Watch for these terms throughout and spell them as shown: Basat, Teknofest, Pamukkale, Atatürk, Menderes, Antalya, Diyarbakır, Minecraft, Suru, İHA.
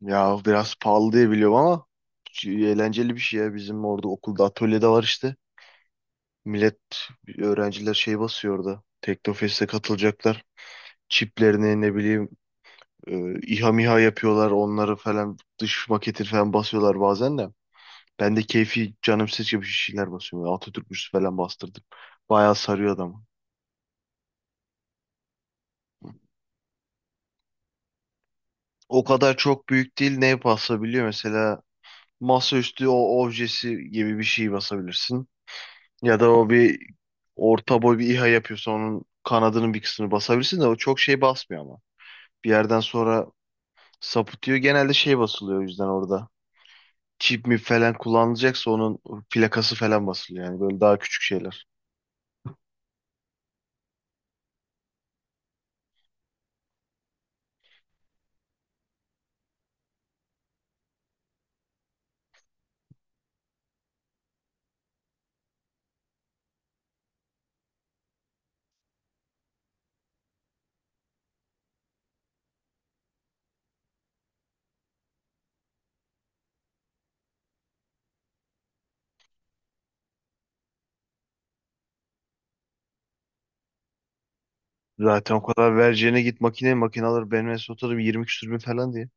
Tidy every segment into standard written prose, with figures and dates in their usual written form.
Ya biraz pahalı diye biliyorum ama eğlenceli bir şey ya. Bizim orada okulda atölyede var işte. Millet, öğrenciler şey basıyor orada. Teknofest'e katılacaklar. Çiplerini ne bileyim, İHA MİHA yapıyorlar. Onları falan dış maketi falan basıyorlar bazen de. Ben de keyfi canım seçiyor bir şeyler basıyorum. Böyle Atatürk müzesi falan bastırdım. Bayağı sarıyor adamı. O kadar çok büyük değil. Ne basabiliyor? Mesela masaüstü o objesi gibi bir şey basabilirsin. Ya da o bir orta boy bir İHA yapıyorsa onun kanadının bir kısmını basabilirsin de o çok şey basmıyor ama. Bir yerden sonra sapıtıyor. Genelde şey basılıyor o yüzden orada. Çip mi falan kullanılacaksa onun plakası falan basılıyor. Yani böyle daha küçük şeyler. Zaten o kadar vereceğine git makine makine alır. Benim en son oturdum 20 küsür bin falan diye.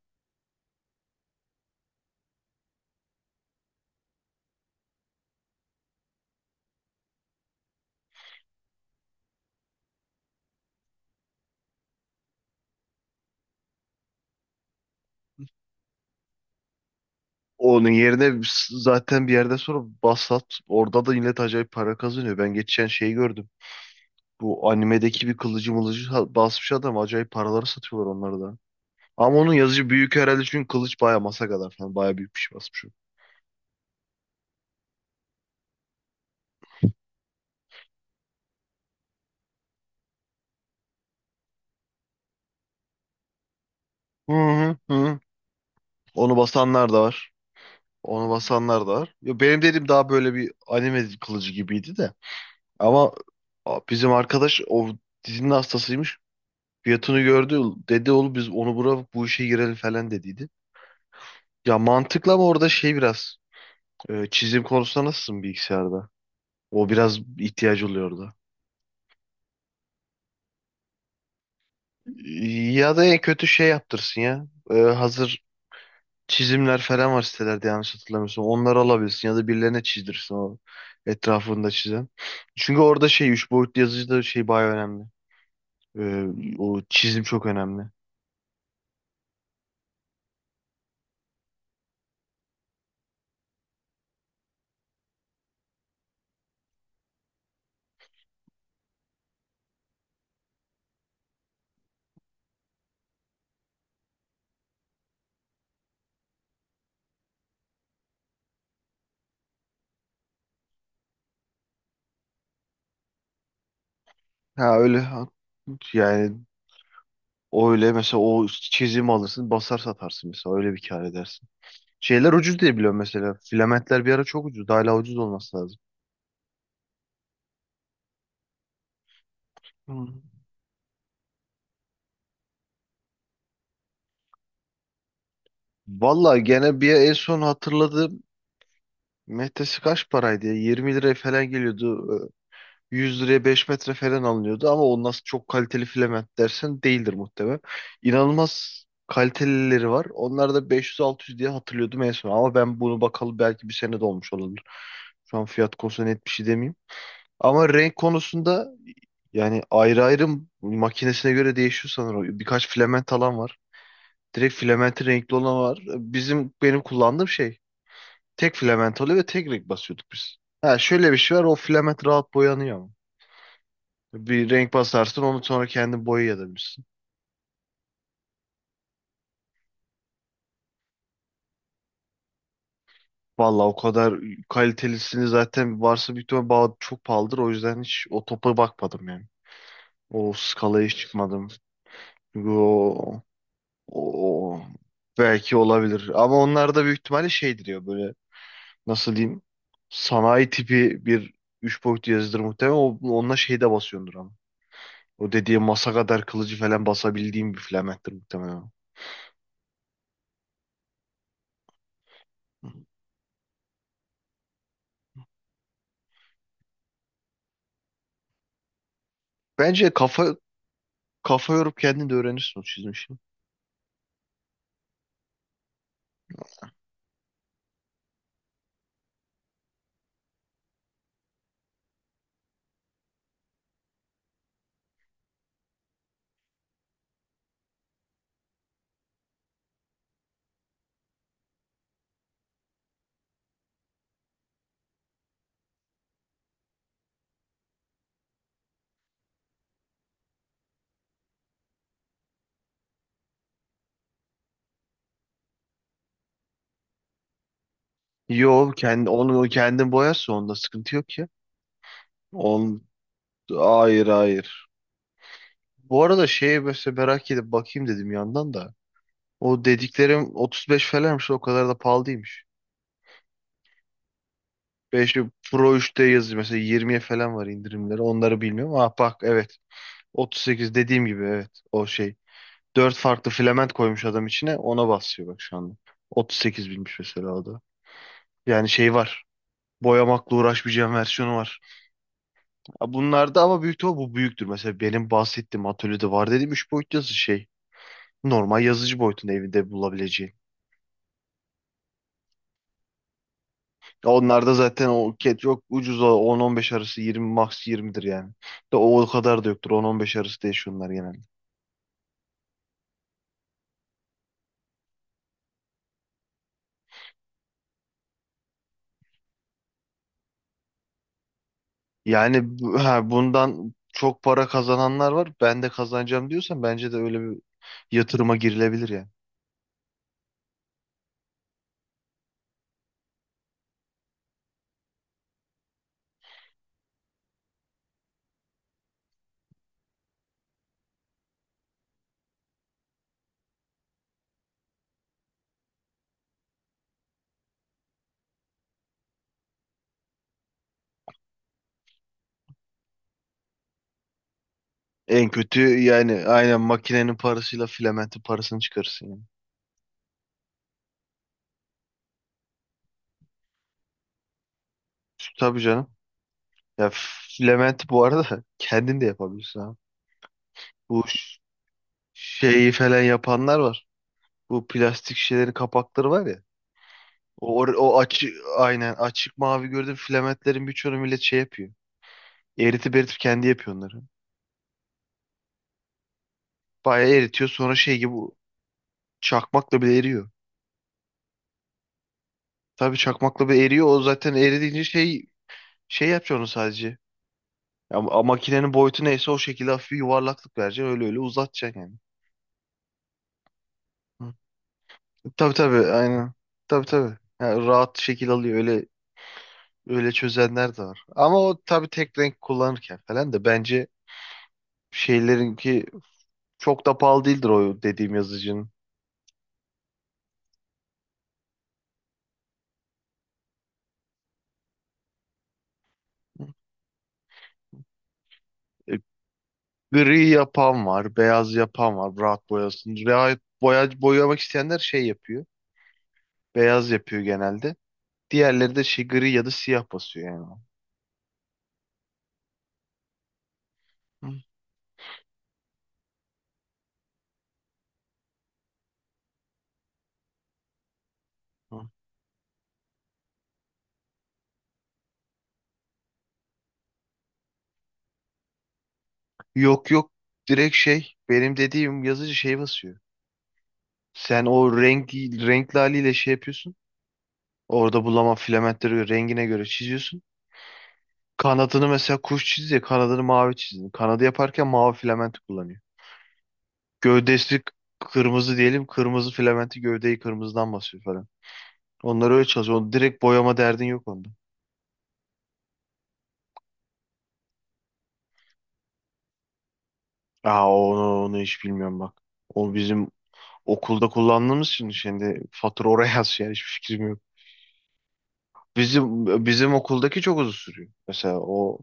Onun yerine zaten bir yerden sonra Basat orada da millet acayip para kazanıyor. Ben geçen şeyi gördüm. Bu animedeki bir kılıcı mılıcı basmış adam. Acayip paraları satıyorlar onları da. Ama onun yazıcı büyük herhalde çünkü kılıç baya masa kadar falan. Baya büyük bir şey basmış, o. Hı hı hı. Onu basanlar da var. Onu basanlar da var. Ya benim dediğim daha böyle bir anime kılıcı gibiydi de. Ama bizim arkadaş o dizinin hastasıymış. Fiyatını gördü. Dedi oğlum biz onu bura bu işe girelim falan dediydi. Ya mantıklı ama orada şey biraz, çizim konusunda nasılsın bilgisayarda? O biraz ihtiyacı oluyordu. Ya da en kötü şey yaptırsın ya. Hazır çizimler falan var sitelerde yanlış hatırlamıyorsam. Onları alabilirsin ya da birilerine çizdirsin o etrafında çizen. Çünkü orada şey üç boyutlu yazıcıda şey bayağı önemli. O çizim çok önemli. Ha öyle, yani o öyle mesela o çizimi alırsın basar satarsın mesela öyle bir kar edersin. Şeyler ucuz diye biliyorum mesela. Filamentler bir ara çok ucuz. Hala ucuz olması lazım. Hı. Vallahi gene bir en son hatırladığım metresi kaç paraydı ya? 20 liraya falan geliyordu. 100 liraya 5 metre falan alınıyordu ama o nasıl çok kaliteli filament dersen değildir muhtemelen. İnanılmaz kalitelileri var. Onlar da 500-600 diye hatırlıyordum en son. Ama ben bunu bakalı belki bir sene de olmuş olabilir. Şu an fiyat konusunda net bir şey demeyeyim. Ama renk konusunda yani ayrı ayrı makinesine göre değişiyor sanırım. Birkaç filament alan var. Direkt filamenti renkli olan var. Bizim benim kullandığım şey tek filament oluyor ve tek renk basıyorduk biz. Ha şöyle bir şey var, o filament rahat boyanıyor ama. Bir renk basarsın onu sonra kendin boyayabilirsin. Valla o kadar kalitelisini zaten varsa büyük ihtimal çok pahalıdır. O yüzden hiç o topa bakmadım yani. O skalaya hiç çıkmadım. Çünkü o, belki olabilir. Ama onlar da büyük ihtimalle şeydir ya, böyle nasıl diyeyim, sanayi tipi bir üç boyutlu yazıdır muhtemelen. O, onunla şeyde basıyordur ama. O dediği masa kadar kılıcı falan basabildiğim bir flamettir muhtemelen. Bence kafa yorup kendin de öğrenirsin o çizmişi. Yo kendi, onu kendin boyarsın onda sıkıntı yok ya. On hayır, hayır. Bu arada şeye mesela merak edip bakayım dedim yandan da. O dediklerim 35 falanmış, o kadar da pahalı değilmiş. 5 Pro 3'te yazıyor mesela 20'ye falan var indirimleri, onları bilmiyorum. Ah bak, evet, 38 dediğim gibi, evet, o şey dört farklı filament koymuş adam içine. Ona basıyor bak şu anda. 38 binmiş mesela o da. Yani şey var. Boyamakla uğraşmayacağım versiyonu var. Ha, bunlarda ama büyük ihtimal bu büyüktür. Mesela benim bahsettiğim atölyede var dediğim 3 boyut yazı şey. Normal yazıcı boyutunda evinde bulabileceğin. Ya onlarda zaten o ket çok ucuz, o 10-15 arası, 20 max 20'dir yani. De o kadar da yoktur, 10-15 arası değil şunlar genelde. Yani ha, bundan çok para kazananlar var. Ben de kazanacağım diyorsan bence de öyle bir yatırıma girilebilir yani. En kötü yani aynen makinenin parasıyla filamentin parasını çıkarırsın yani. Tabii canım. Ya filamenti bu arada kendin de yapabilirsin ha. Bu ş- şeyi falan yapanlar var. Bu plastik şişelerin kapakları var ya. O açık, aynen açık mavi gördüğüm filamentlerin birçoğunu millet şey yapıyor. Eritip eritip kendi yapıyor onları. Bayağı eritiyor sonra şey gibi çakmakla bile eriyor. Tabii çakmakla bile eriyor. O zaten eridiğince şey yapıyor onu sadece. Ya, makinenin boyutu neyse o şekilde hafif bir yuvarlaklık vereceksin. Öyle öyle uzatacaksın yani. Hı. Tabii tabii, aynen. Tabii tabii. Yani rahat şekil alıyor. Öyle öyle çözenler de var. Ama o tabii tek renk kullanırken falan da bence şeylerinki çok da pahalı değildir o dediğim yazıcının. E, Gri yapan var, beyaz yapan var, rahat boyasın. Rahat boya, boyamak isteyenler şey yapıyor. Beyaz yapıyor genelde. Diğerleri de şey gri ya da siyah basıyor yani. Hı. Yok, yok, direkt şey benim dediğim yazıcı şey basıyor. Sen o renk renkli haliyle şey yapıyorsun. Orada bulama filamentleri rengine göre çiziyorsun. Kanadını mesela kuş çiziyor, kanadını mavi çizdin. Kanadı yaparken mavi filamenti kullanıyor. Gövdesi kırmızı diyelim, kırmızı filamenti gövdeyi kırmızıdan basıyor falan. Onlar öyle çalışıyor. Onu direkt boyama derdin yok onda. Aa onu hiç bilmiyorum bak. O bizim okulda kullandığımız için şimdi fatura oraya yaz yani hiçbir fikrim yok. Bizim okuldaki çok uzun sürüyor. Mesela o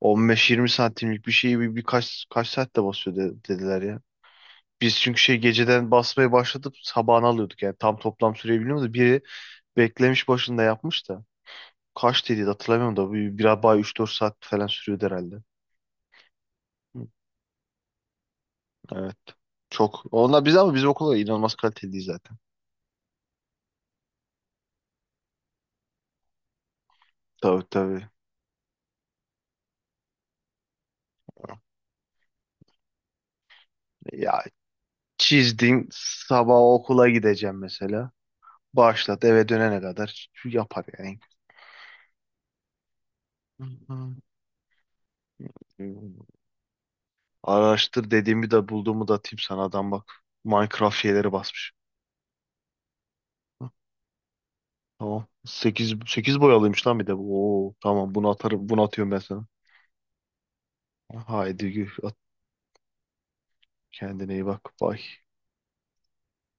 15-20 santimlik bir şeyi bir, birkaç kaç saatte basıyor dediler ya. Biz çünkü şey geceden basmaya başladıp sabahına alıyorduk yani tam toplam süreyi bilmiyorum da biri beklemiş başında yapmış da kaç dedi hatırlamıyorum da bir bay 3-4 saat falan sürüyordu herhalde. Hı. Evet. Çok. Onlar, biz ama bizim okulda inanılmaz kaliteliydi zaten. Tabii tabii. Ya çizdin sabah okula gideceğim mesela. Başlat, eve dönene kadar yapar yani. Hı. Araştır dediğimi de bulduğumu da atayım sana, adam bak Minecraft şeyleri basmış. Hı. Tamam. Sekiz boyalıymış lan bir de, bu. Oo tamam, bunu atarım. Bunu atıyorum ben sana. Haydi, at, kendine iyi bak. Bay.